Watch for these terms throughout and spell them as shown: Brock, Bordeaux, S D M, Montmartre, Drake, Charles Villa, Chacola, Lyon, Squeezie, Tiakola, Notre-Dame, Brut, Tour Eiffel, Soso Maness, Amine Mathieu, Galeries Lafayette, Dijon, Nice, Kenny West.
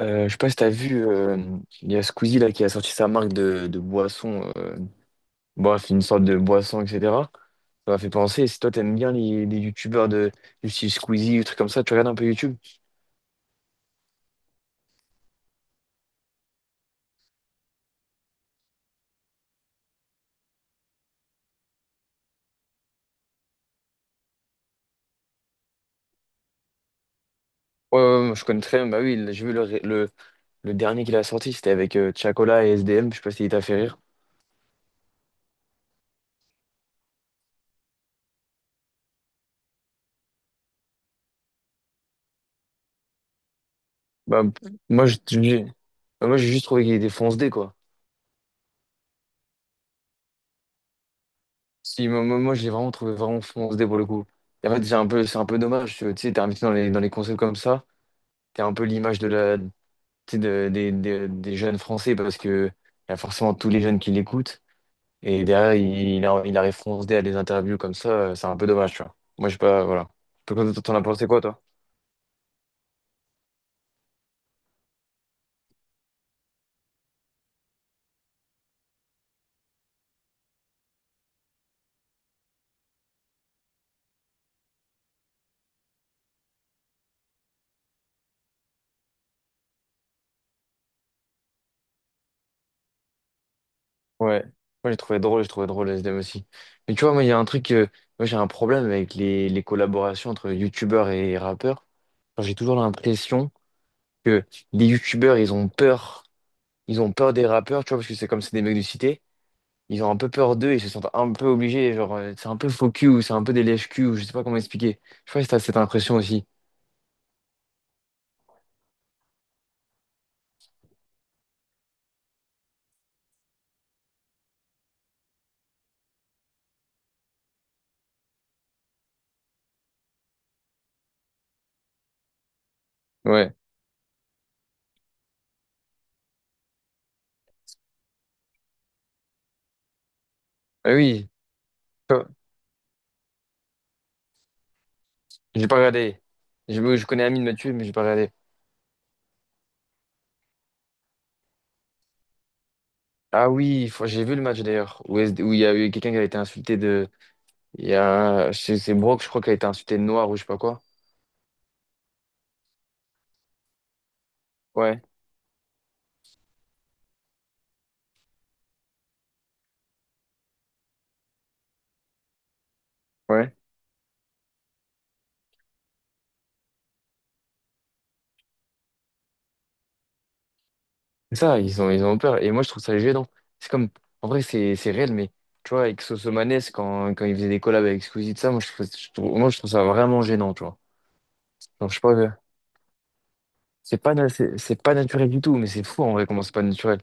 Je sais pas si t'as vu, il y a Squeezie là qui a sorti sa marque de boisson, bref, une sorte de boisson, etc. Ça m'a fait penser, si toi t'aimes bien les youtubeurs de du style Squeezie, des trucs comme ça, tu regardes un peu YouTube? Ouais, ouais, ouais, je connais très bien. Bah oui, j'ai vu le dernier qu'il a sorti, c'était avec Tiakola et S D M, je sais pas si il t'a fait rire. Bah, moi, je- j'ai bah, moi, j'ai juste trouvé qu'il était fonce-dé, quoi. Si, moi, je l'ai vraiment trouvé vraiment fonce-dé pour le coup. Et en fait, c'est un peu dommage. Tu sais, t'es invité dans les concepts comme ça, t'es un peu l'image tu sais, des jeunes Français parce que il y a forcément tous les jeunes qui l'écoutent. Et derrière, il arrive foncé à des interviews comme ça, c'est un peu dommage, tu vois. Moi, je sais pas, voilà. Toi, t'en as pensé quoi, toi? Ouais, moi j'ai trouvé drôle le SDM aussi. Mais tu vois, moi il y a un truc, moi j'ai un problème avec les collaborations entre youtubeurs et rappeurs. Enfin, j'ai toujours l'impression que les youtubeurs ils ont peur des rappeurs, tu vois, parce que c'est comme c'est des mecs de cité. Ils ont un peu peur d'eux, ils se sentent un peu obligés, genre c'est un peu faux cul ou c'est un peu des lèche-cul, ou je sais pas comment expliquer. Je sais pas si t'as cette impression aussi. Ouais. Ah oui. Oh, j'ai pas regardé. Je connais Amine Mathieu, mais j'ai pas regardé. Ah oui, j'ai vu le match d'ailleurs, où il y a eu quelqu'un qui a été insulté de. Il y a. c'est Brock, je crois, qui a été insulté de noir ou je sais pas quoi. Ouais, ouais. C'est ça, ils ont peur. Et moi, je trouve ça gênant. C'est comme. En vrai, c'est réel, mais tu vois, avec Soso Maness, quand il faisait des collabs avec Squeezie, tout ça, moi, je trouve ça vraiment gênant, tu vois. Genre, je sais pas, c'est pas naturel du tout, mais c'est fou en vrai comment c'est pas naturel.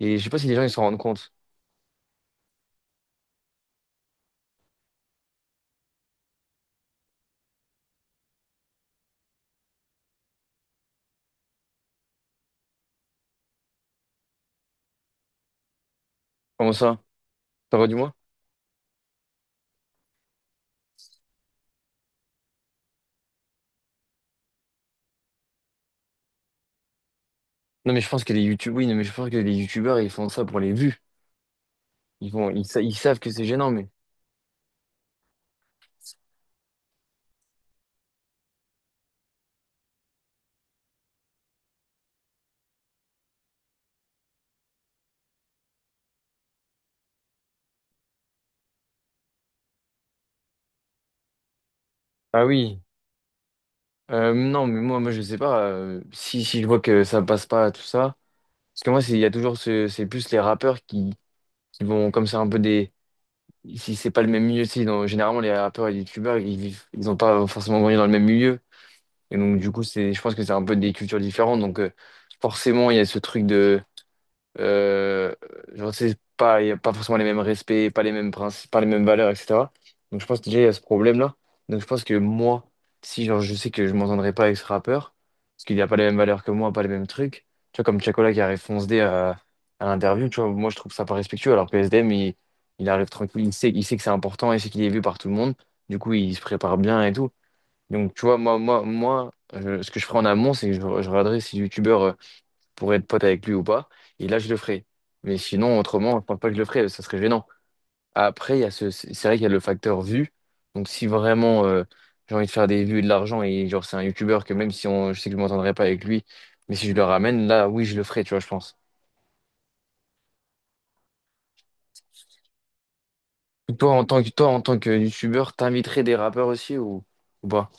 Et je sais pas si les gens ils s'en rendent compte. Comment ça? Ça va du moins? Non, mais je pense que les youtubeurs, oui, non, mais je pense que les youtubeurs ils font ça pour les vues. Ils vont, ils, sa- ils savent que c'est gênant, mais. Ah oui. Non, mais moi, je sais pas. Si, je vois que ça passe pas, tout ça. Parce que moi, il y a toujours ce, c'est plus les rappeurs qui vont comme ça un peu des. Si c'est pas le même milieu, tu sais, généralement les rappeurs et les youtubeurs, ils vivent, ils ont pas forcément grandi dans le même milieu. Et donc, du coup, c'est, je pense que c'est un peu des cultures différentes. Donc, forcément, il y a ce truc de. Euh, genre, c'est pas, il y a pas forcément les mêmes respects, pas les mêmes principes, pas les mêmes valeurs, etc. Donc, je pense que déjà, il y a ce problème-là. Donc, je pense que moi, si genre, je sais que je m'entendrai pas avec ce rappeur parce qu'il n'y a pas les mêmes valeurs que moi, pas les mêmes trucs, tu vois, comme Chacola qui arrive fonce dé à l'interview, tu vois, moi, je trouve ça pas respectueux, alors que S SDM, il arrive tranquille, il sait que c'est important, il sait qu'il est vu par tout le monde. Du coup, il se prépare bien et tout. Donc, tu vois, ce que je ferai en amont, c'est que je regarderai si le youtubeur pourrait être pote avec lui ou pas. Et là, je le ferai. Mais sinon, autrement, je pense pas que je le ferai, ça serait gênant. Après, il y a ce, c'est vrai qu'il y a le facteur vue. Donc, si vraiment j'ai envie de faire des vues et de l'argent, et genre, c'est un youtubeur que même si on, je sais que je m'entendrai pas avec lui, mais si je le ramène, là, oui, je le ferai, tu vois, je pense. Toi, en tant que, toi, en tant que youtubeur, t'inviterais des rappeurs aussi, ou pas?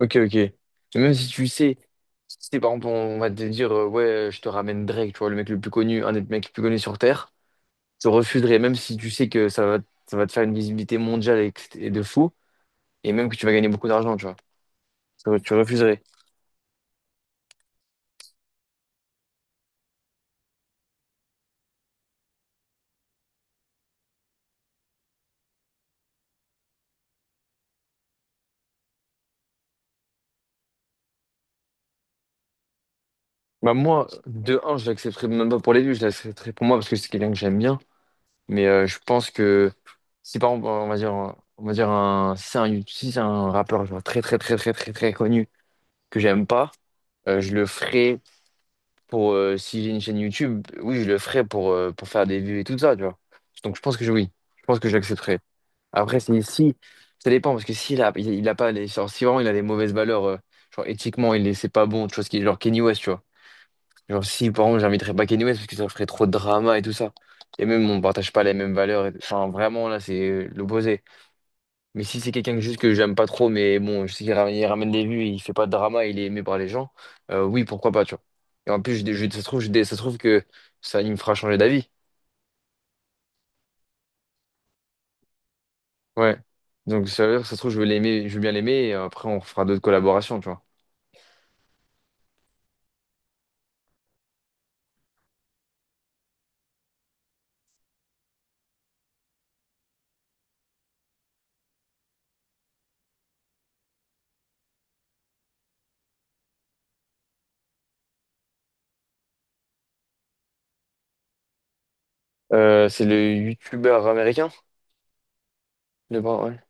Ok, ok. Mais même si tu sais, si c'est par exemple, on va te dire, ouais, je te ramène Drake, tu vois, le mec le plus connu, un des mecs les plus connus sur Terre, tu refuserais, même si tu sais que ça va te faire une visibilité mondiale et, que c'est- et de fou, et même que tu vas gagner beaucoup d'argent, tu vois. Tu refuserais. Bah, moi, de un, je l'accepterais même pas pour les vues, je l'accepterais pour moi parce que c'est quelqu'un que j'aime bien. Mais je pense que si par exemple, on va dire un, si c'est un rappeur genre, très, très, très, très, très, très connu que j'aime pas, je le ferais pour si j'ai une chaîne YouTube, oui, je le ferai pour faire des vues et tout ça, tu vois. Donc je pense que oui, je pense que j'accepterai. Après, si, si, ça dépend, parce que s'il a, il a pas les, genre, si vraiment il a des mauvaises valeurs, genre éthiquement, c'est pas bon, tu vois, ce qui est genre Kenny West, tu vois. Genre si, par exemple, j'inviterais pas Kenny West parce que ça ferait trop de drama et tout ça. Et même, on partage pas les mêmes valeurs. Enfin, vraiment, là, c'est l'opposé. Mais si c'est quelqu'un que juste que j'aime pas trop, mais bon, je sais qu'il ramène des vues, il fait pas de drama, il est aimé par les gens, oui, pourquoi pas, tu vois. Et en plus, ça se trouve, ça se trouve que ça, il me fera changer d'avis. Ouais. Donc, ça veut dire que ça se trouve, je vais l'aimer, je vais bien l'aimer, et après, on fera d'autres collaborations, tu vois. C'est le youtubeur américain, le bras, ouais.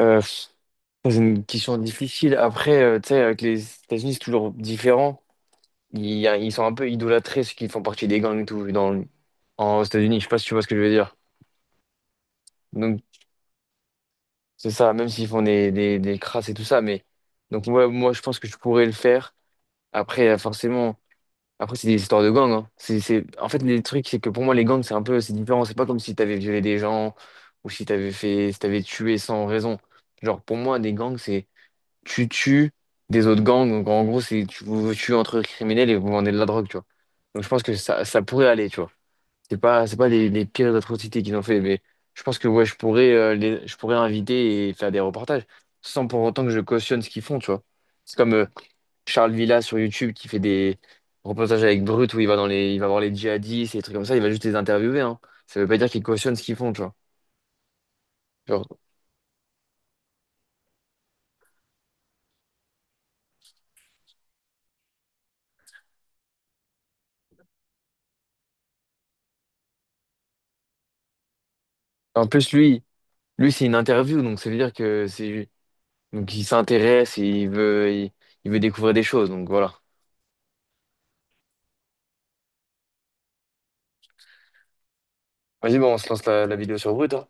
Euh, pff, Ça, c'est une question difficile. Après, tu sais, avec les États-Unis, c'est toujours différent. Ils sont un peu idolâtrés, ceux qui font partie des gangs et tout, dans, en, aux États-Unis. Je sais pas si tu vois ce que je veux dire. Donc, c'est ça, même s'ils font des crasses et tout ça, mais donc moi, je pense que je pourrais le faire. Après, forcément, après c'est des histoires de gangs, hein. C'est... En fait, les trucs, c'est que pour moi, les gangs, c'est un peu, c'est différent. C'est pas comme si t'avais violé des gens, ou si t'avais fait, si t'avais tué sans raison. Genre, pour moi, des gangs, c'est tu tues des autres gangs. Donc, en gros, c'est tu vous tuez entre criminels et vous vendez de la drogue, tu vois. Donc, je pense que ça pourrait aller, tu vois. C'est pas les, les pires atrocités qu'ils ont fait, mais je pense que ouais, je pourrais, je pourrais inviter et faire des reportages sans pour autant que je cautionne ce qu'ils font, tu vois. C'est comme Charles Villa sur YouTube qui fait des reportages avec Brut où il va dans les, il va voir les djihadistes et des trucs comme ça, il va juste les interviewer, hein. Ça veut pas dire qu'il cautionne ce qu'ils font, tu vois. Genre, en plus, lui, c'est une interview, donc ça veut dire que c'est, donc il s'intéresse et il veut, il veut découvrir des choses, donc voilà. Vas-y, bon, on se lance la, la vidéo sur Brut, hein.